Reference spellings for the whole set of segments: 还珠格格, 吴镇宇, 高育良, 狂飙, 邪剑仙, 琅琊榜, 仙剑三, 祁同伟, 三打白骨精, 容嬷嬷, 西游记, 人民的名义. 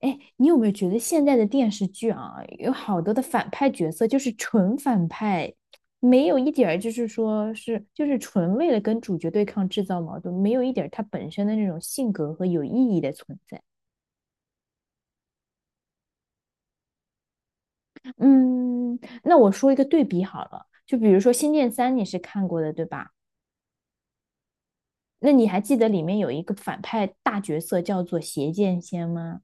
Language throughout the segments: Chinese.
哎，你有没有觉得现在的电视剧啊，有好多的反派角色就是纯反派，没有一点儿就是说是就是纯为了跟主角对抗制造矛盾，没有一点儿他本身的那种性格和有意义的存在。嗯，那我说一个对比好了，就比如说《仙剑三》，你是看过的对吧？那你还记得里面有一个反派大角色叫做邪剑仙吗？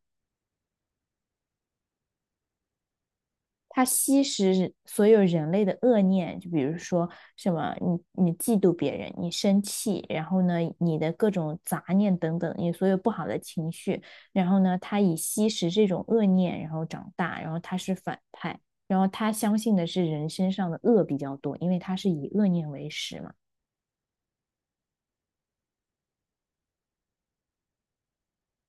他吸食所有人类的恶念，就比如说什么你嫉妒别人，你生气，然后呢你的各种杂念等等，你所有不好的情绪，然后呢他以吸食这种恶念，然后长大，然后他是反派，然后他相信的是人身上的恶比较多，因为他是以恶念为食嘛。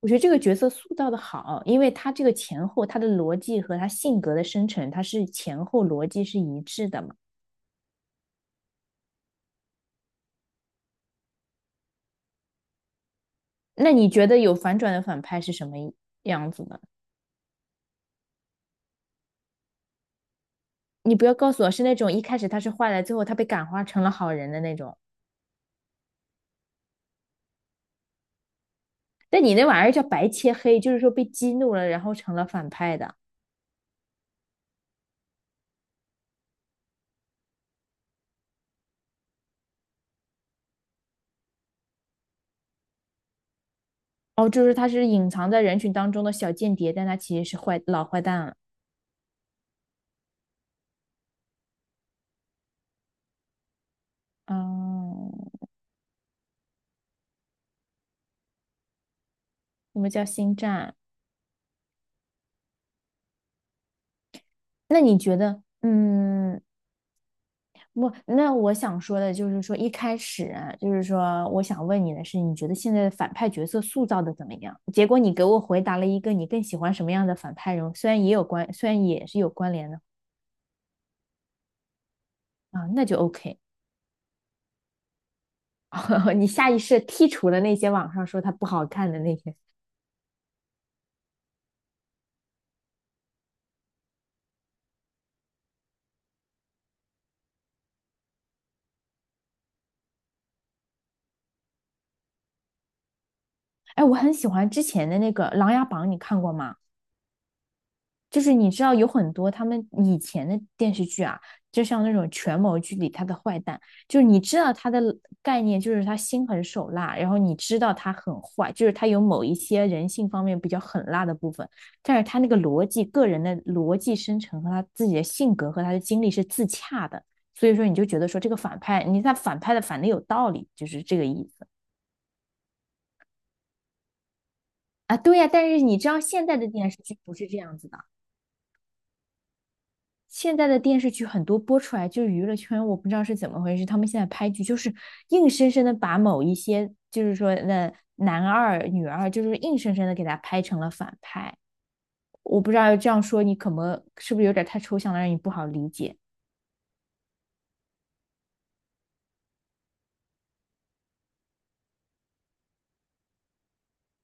我觉得这个角色塑造的好，因为他这个前后他的逻辑和他性格的生成，他是前后逻辑是一致的嘛。那你觉得有反转的反派是什么样子的？你不要告诉我是那种一开始他是坏的，最后他被感化成了好人的那种。但你那玩意儿叫白切黑，就是说被激怒了，然后成了反派的。哦，就是他是隐藏在人群当中的小间谍，但他其实是坏老坏蛋了。哦，什么叫星战？那你觉得，嗯，不，那我想说的就是说，一开始啊就是说，我想问你的是，你觉得现在的反派角色塑造的怎么样？结果你给我回答了一个你更喜欢什么样的反派人物，虽然也有关，虽然也是有关联的啊，那就 OK。你下意识剔除了那些网上说他不好看的那些。哎，我很喜欢之前的那个《琅琊榜》，你看过吗？就是你知道有很多他们以前的电视剧啊，就像那种权谋剧里他的坏蛋，就是你知道他的概念就是他心狠手辣，然后你知道他很坏，就是他有某一些人性方面比较狠辣的部分，但是他那个逻辑、个人的逻辑生成和他自己的性格和他的经历是自洽的，所以说你就觉得说这个反派，你看反派的反的有道理，就是这个意思啊。对呀，但是你知道现在的电视剧不是这样子的。现在的电视剧很多播出来就是娱乐圈，我不知道是怎么回事，他们现在拍剧就是硬生生的把某一些，就是说那男二、女二，就是硬生生的给他拍成了反派。我不知道这样说你可能是不是有点太抽象了，让你不好理解。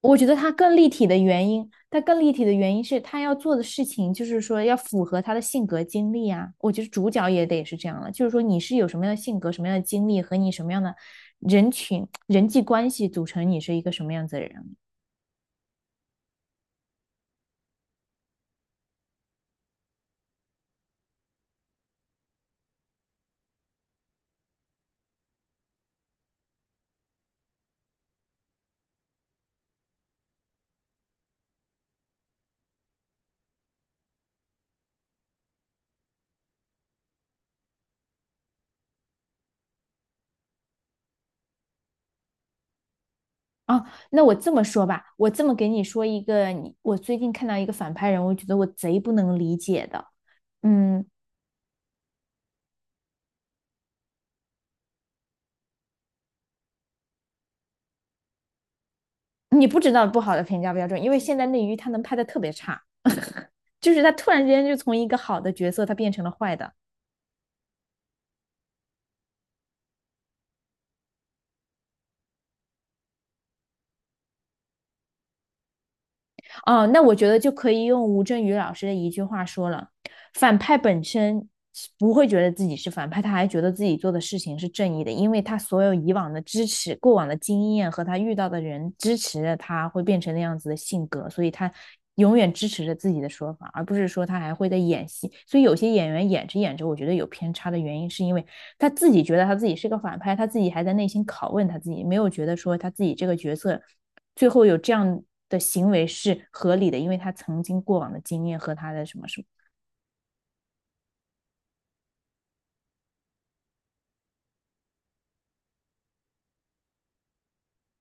我觉得他更立体的原因，他更立体的原因是他要做的事情，就是说要符合他的性格经历啊。我觉得主角也得是这样了，就是说你是有什么样的性格、什么样的经历和你什么样的人群、人际关系组成你是一个什么样子的人啊。那我这么说吧，我这么给你说一个，你我最近看到一个反派人物，我觉得我贼不能理解的，嗯，你不知道不好的评价标准，因为现在内娱他能拍的特别差，就是他突然之间就从一个好的角色他变成了坏的。哦，那我觉得就可以用吴镇宇老师的一句话说了：反派本身不会觉得自己是反派，他还觉得自己做的事情是正义的，因为他所有以往的支持、过往的经验和他遇到的人支持着他，会变成那样子的性格，所以他永远支持着自己的说法，而不是说他还会在演戏。所以有些演员演着演着，我觉得有偏差的原因，是因为他自己觉得他自己是个反派，他自己还在内心拷问他自己，没有觉得说他自己这个角色最后有这样的行为是合理的，因为他曾经过往的经验和他的什么什么。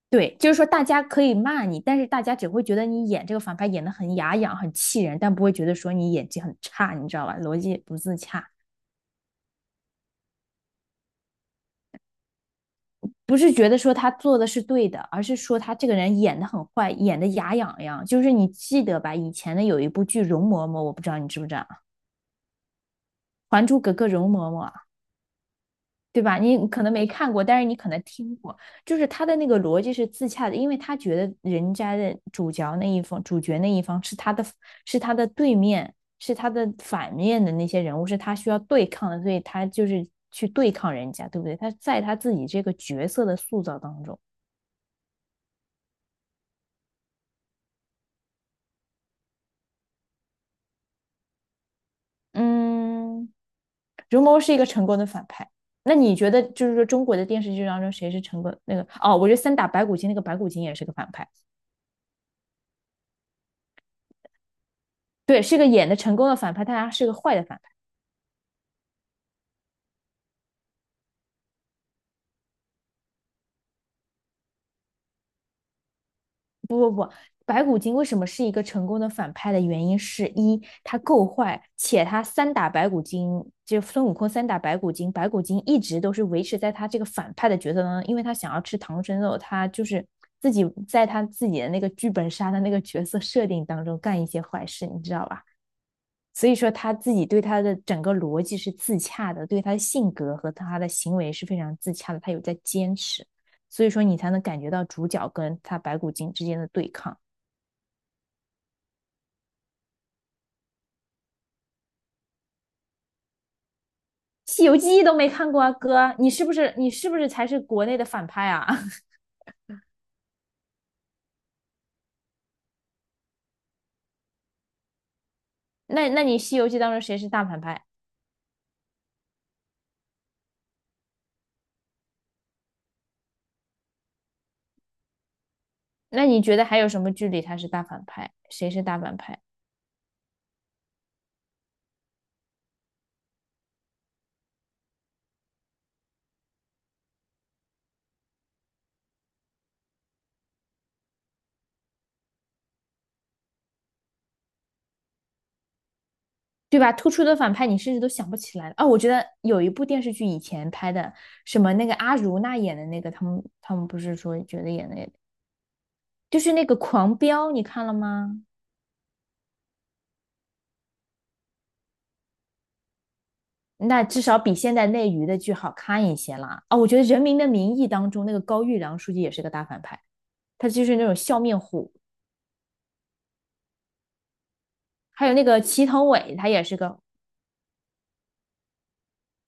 对，就是说大家可以骂你，但是大家只会觉得你演这个反派演得很牙痒、很气人，但不会觉得说你演技很差，你知道吧？逻辑不自洽，不是觉得说他做的是对的，而是说他这个人演得很坏，演得牙痒痒。就是你记得吧？以前的有一部剧《容嬷嬷》，我不知道你知不知道啊，《还珠格格》容嬷嬷，对吧？你可能没看过，但是你可能听过，就是他的那个逻辑是自洽的，因为他觉得人家的主角那一方、主角那一方是他的，是他的对面，是他的反面的那些人物，是他需要对抗的，所以他就是去对抗人家，对不对？他在他自己这个角色的塑造当中，嗯，如谋是一个成功的反派。那你觉得，就是说中国的电视剧当中谁是成功那个？哦，我觉得三打白骨精那个白骨精也是个反派，对，是个演的成功的反派，但他是个坏的反派。白骨精为什么是一个成功的反派的原因是一，他够坏，且他三打白骨精，就孙悟空三打白骨精，白骨精一直都是维持在他这个反派的角色当中，因为他想要吃唐僧肉，他就是自己在他自己的那个剧本杀的那个角色设定当中干一些坏事，你知道吧？所以说他自己对他的整个逻辑是自洽的，对他的性格和他的行为是非常自洽的，他有在坚持，所以说你才能感觉到主角跟他白骨精之间的对抗。《西游记》都没看过啊，哥，你是不是才是国内的反派啊？那你《西游记》当中谁是大反派？那你觉得还有什么剧里他是大反派？谁是大反派？对吧？突出的反派你甚至都想不起来了啊！我觉得有一部电视剧以前拍的，什么那个阿如那演的那个，他们不是说觉得演的就是那个《狂飙》，你看了吗？那至少比现在内娱的剧好看一些啦啊！我觉得《人民的名义》当中那个高育良书记也是个大反派，他就是那种笑面虎。还有那个祁同伟，他也是个，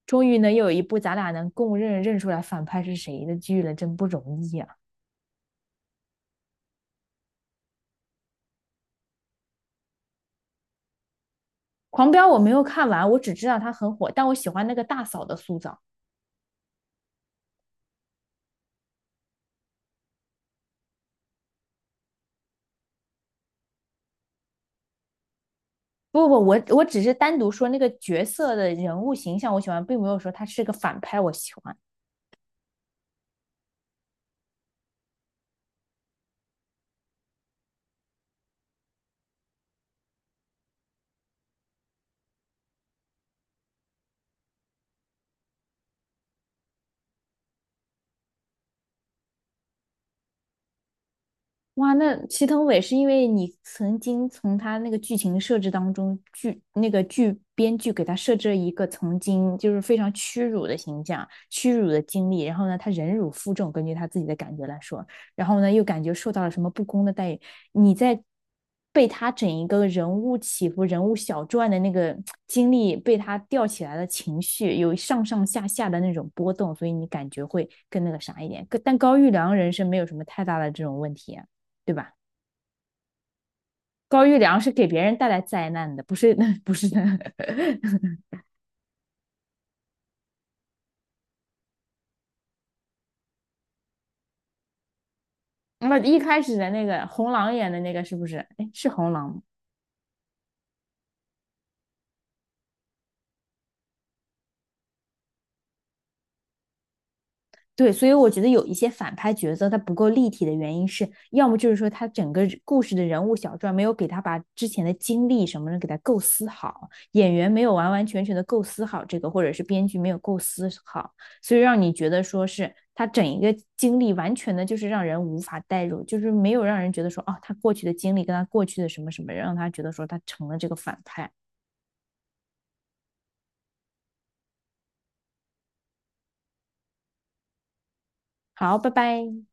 终于能有一部咱俩能共认认出来反派是谁的剧了，真不容易啊！狂飙我没有看完，我只知道他很火，但我喜欢那个大嫂的塑造。不不，我只是单独说那个角色的人物形象，我喜欢，并没有说他是个反派，我喜欢。哇，那祁同伟是因为你曾经从他那个剧情设置当中，那个编剧给他设置了一个曾经就是非常屈辱的形象、屈辱的经历，然后呢，他忍辱负重，根据他自己的感觉来说，然后呢，又感觉受到了什么不公的待遇，你在被他整一个人物起伏、人物小传的那个 经历被他吊起来的情绪，有上上下下的那种波动，所以你感觉会更那个啥一点。但高育良人生没有什么太大的这种问题啊对吧？高育良是给别人带来灾难的，不是 不是的。那一开始的那个红狼演的那个是不是？哎，是红狼吗？对，所以我觉得有一些反派角色他不够立体的原因是，要么就是说他整个故事的人物小传没有给他把之前的经历什么的给他构思好，演员没有完完全全的构思好这个，或者是编剧没有构思好，所以让你觉得说是他整一个经历完全的就是让人无法代入，就是没有让人觉得说哦，他过去的经历跟他过去的什么什么，让他觉得说他成了这个反派。好，拜拜。